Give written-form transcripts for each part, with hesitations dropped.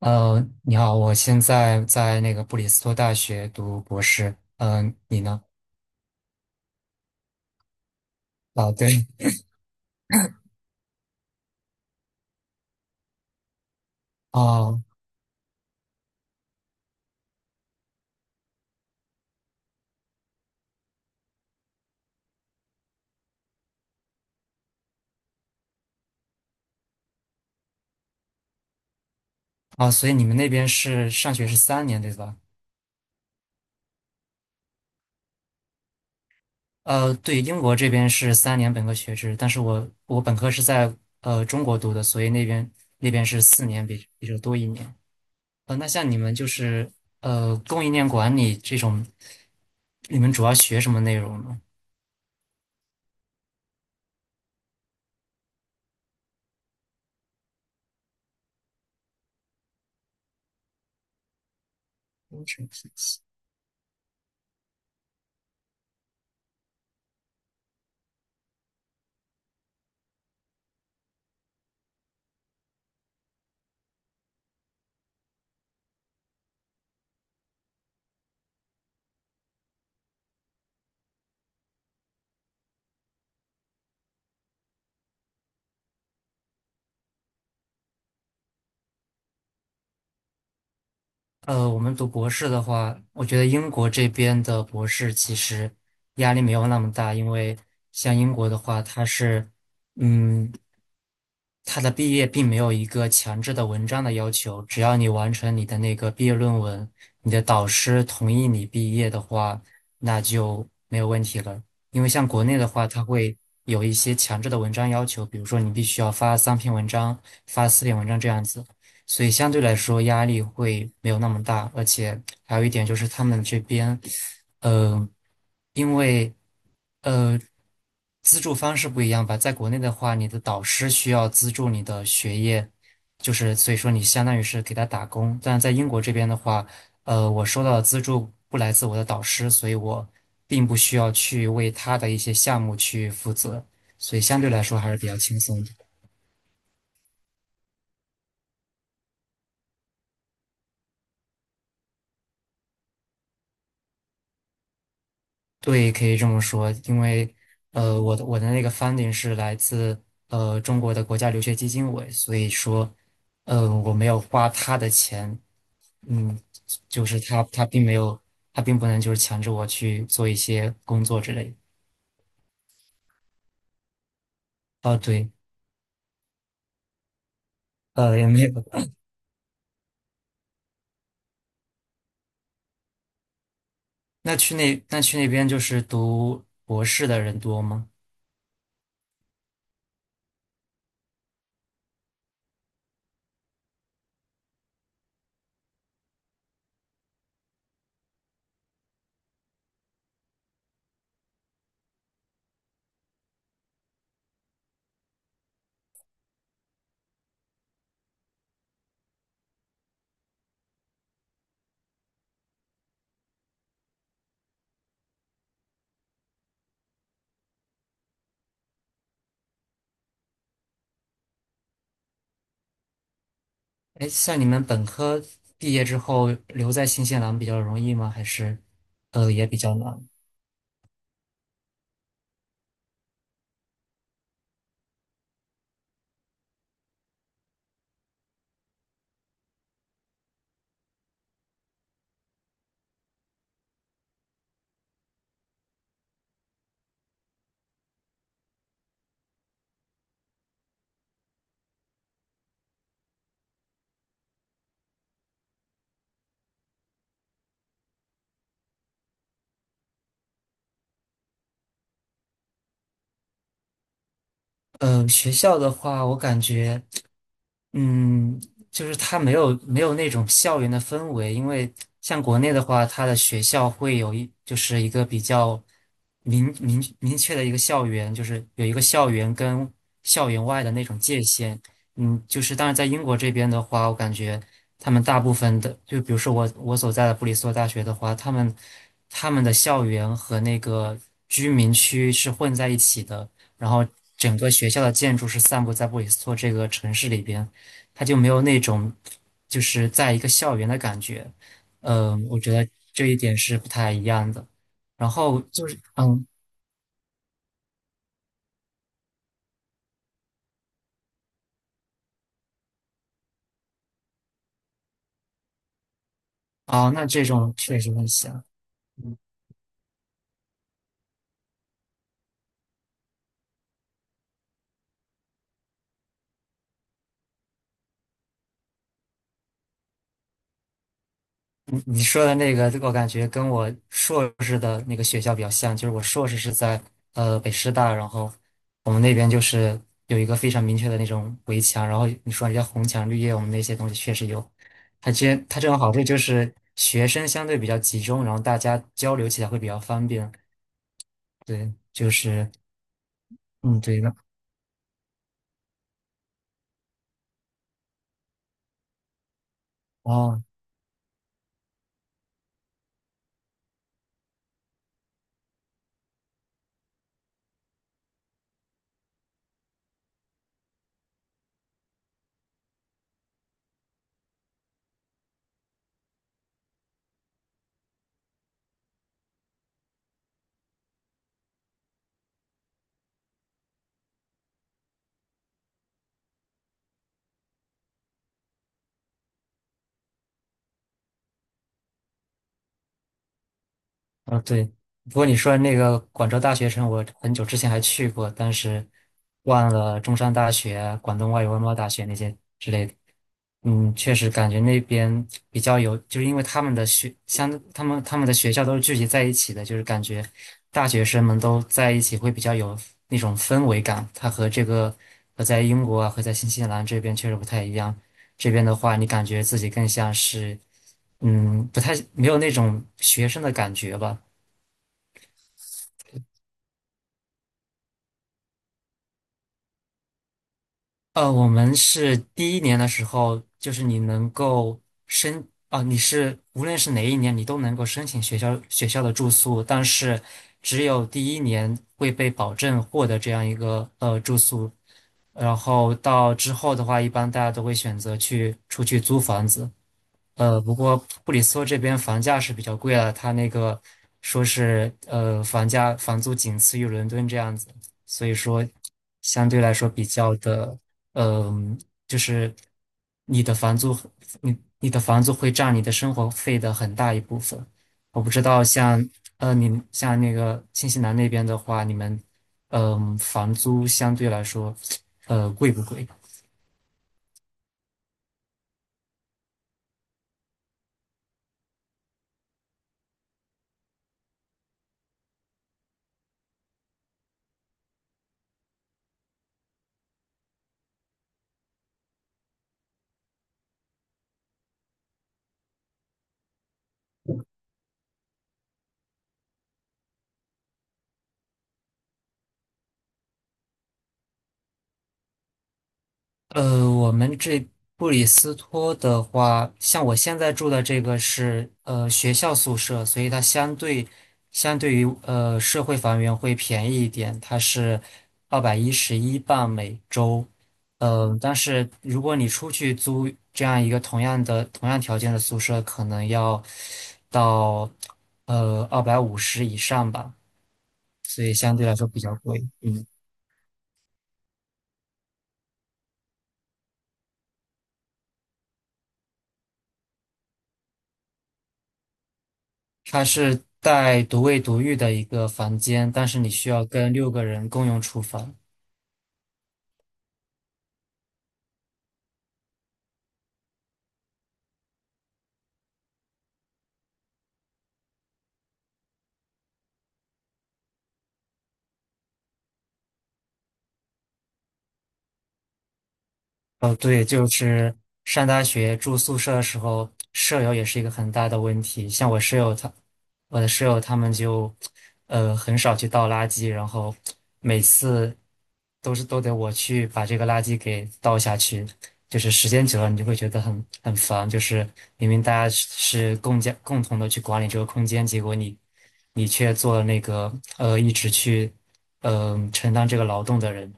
你好，我现在在那个布里斯托大学读博士。嗯、你呢？啊，对。哦。啊，所以你们那边是上学是三年，对吧？对，英国这边是三年本科学制，但是我本科是在中国读的，所以那边是4年比这多一年。那像你们就是供应链管理这种，你们主要学什么内容呢？工程体系。我们读博士的话，我觉得英国这边的博士其实压力没有那么大，因为像英国的话，它是，嗯，它的毕业并没有一个强制的文章的要求，只要你完成你的那个毕业论文，你的导师同意你毕业的话，那就没有问题了。因为像国内的话，它会有一些强制的文章要求，比如说你必须要发3篇文章、发4篇文章这样子。所以相对来说压力会没有那么大，而且还有一点就是他们这边，呃，因为呃资助方式不一样吧，在国内的话，你的导师需要资助你的学业，就是所以说你相当于是给他打工，但在英国这边的话，我收到的资助不来自我的导师，所以我并不需要去为他的一些项目去负责，所以相对来说还是比较轻松的。对，可以这么说，因为我的那个 funding 是来自中国的国家留学基金委，所以说，我没有花他的钱。嗯，就是他并没有，他并不能就是强制我去做一些工作之类的。哦，对。也没有。那去那边就是读博士的人多吗？哎，像你们本科毕业之后留在新西兰比较容易吗？还是也比较难？学校的话，我感觉。嗯，就是它没有那种校园的氛围，因为像国内的话，它的学校会有就是一个比较明确的一个校园，就是有一个校园跟校园外的那种界限。就是当然在英国这边的话，我感觉他们大部分的，就比如说我所在的布里斯托大学的话，他们的校园和那个居民区是混在一起的，然后整个学校的建筑是散布在布里斯托这个城市里边。它就没有那种就是在一个校园的感觉。我觉得这一点是不太一样的。然后就是，哦，那这种确实很像。你说的那个，我感觉跟我硕士的那个学校比较像，就是我硕士是在北师大，然后我们那边就是有一个非常明确的那种围墙，然后你说人家红墙绿叶，我们那些东西确实有。它这种好处就是学生相对比较集中，然后大家交流起来会比较方便。对，就是，嗯，对的。哦，哦，对。不过你说的那个广州大学城，我很久之前还去过，但是忘了中山大学、广东外语外贸大学那些之类的。确实感觉那边比较有，就是因为他们的学校都是聚集在一起的，就是感觉大学生们都在一起会比较有那种氛围感。它和这个和在英国啊，和在新西兰这边确实不太一样。这边的话，你感觉自己更像是。不太没有那种学生的感觉吧。我们是第一年的时候，就是你能够你是无论是哪一年，你都能够申请学校的住宿，但是只有第一年会被保证获得这样一个住宿，然后到之后的话，一般大家都会选择去出去租房子。不过布里斯托这边房价是比较贵了，它那个说是房租仅次于伦敦这样子，所以说相对来说比较的。嗯、就是你的房租，你的房租会占你的生活费的很大一部分。我不知道像你们像那个新西兰那边的话，你们房租相对来说贵不贵？我们这布里斯托的话，像我现在住的这个是学校宿舍，所以它相对于社会房源会便宜一点，它是211镑每周。但是如果你出去租这样一个同样条件的宿舍，可能要到250以上吧，所以相对来说比较贵。嗯。它是带独卫独浴的一个房间，但是你需要跟6个人共用厨房。哦，对，就是上大学住宿舍的时候，舍友也是一个很大的问题。像我舍友他，我的室友他们就，很少去倒垃圾，然后每次都得我去把这个垃圾给倒下去。就是时间久了，你就会觉得很烦。就是明明大家是共同的去管理这个空间，结果你却做了那个一直去承担这个劳动的人。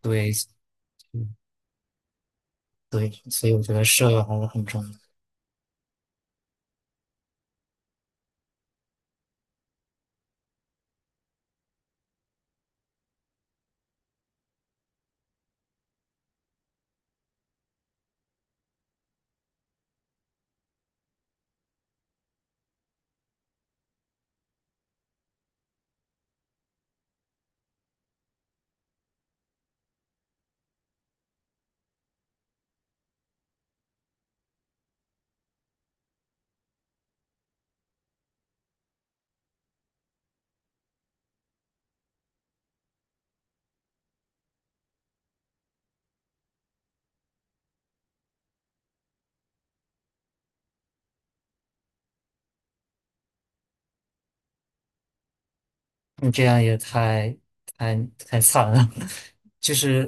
对。嗯对，所以我觉得舍友还是很重要。你这样也太太惨了，就是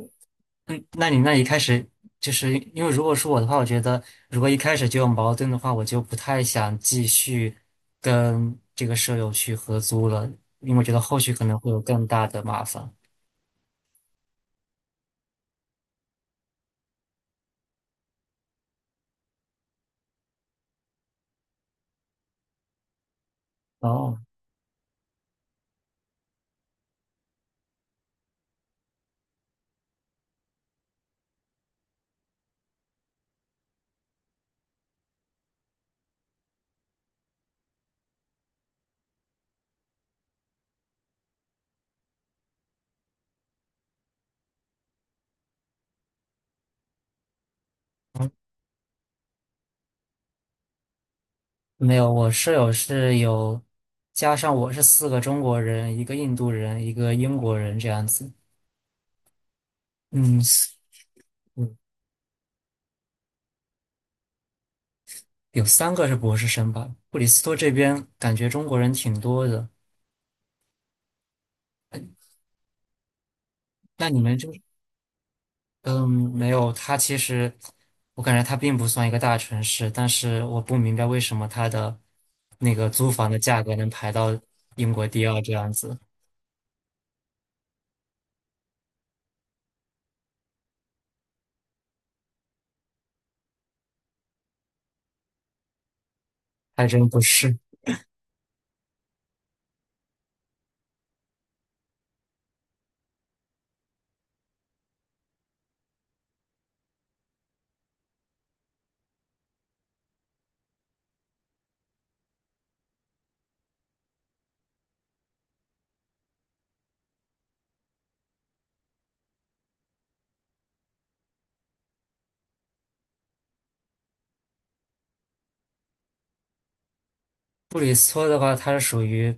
那一开始就是因为如果是我的话，我觉得如果一开始就有矛盾的话，我就不太想继续跟这个舍友去合租了，因为我觉得后续可能会有更大的麻烦。哦。没有，我室友是有，加上我是4个中国人，一个印度人，一个英国人这样子。嗯，四嗯有3个是博士生吧。布里斯托这边感觉中国人挺多的。那你们就，嗯，没有，他其实我感觉他并不算一个大城市，但是我不明白为什么他的那个租房的价格能排到英国第二这样子，还真不是。布里斯托的话，它是属于，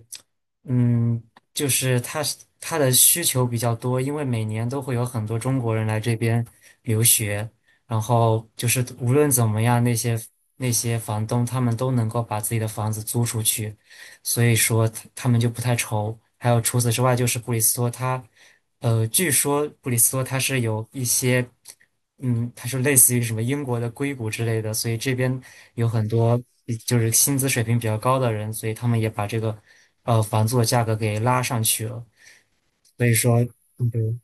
嗯，就是它的需求比较多，因为每年都会有很多中国人来这边留学，然后就是无论怎么样，那些房东他们都能够把自己的房子租出去，所以说他们就不太愁。还有除此之外，就是布里斯托它，据说布里斯托它是有一些。它是类似于什么英国的硅谷之类的，所以这边有很多就是薪资水平比较高的人，所以他们也把这个房租的价格给拉上去了。所以说，对。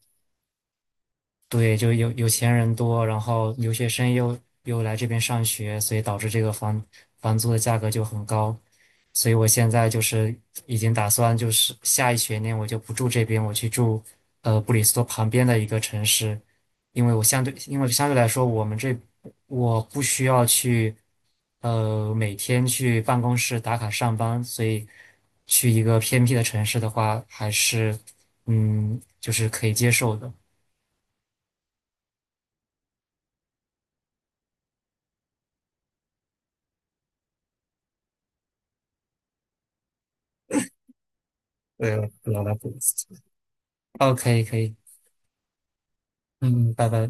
对，就有钱人多，然后留学生又来这边上学，所以导致这个房租的价格就很高。所以我现在就是已经打算，就是下一学年我就不住这边，我去住布里斯托旁边的一个城市，因为相对来说，我们这我不需要去每天去办公室打卡上班，所以去一个偏僻的城市的话，还是就是可以接受的。对，老大不，OK，可以，嗯，拜拜。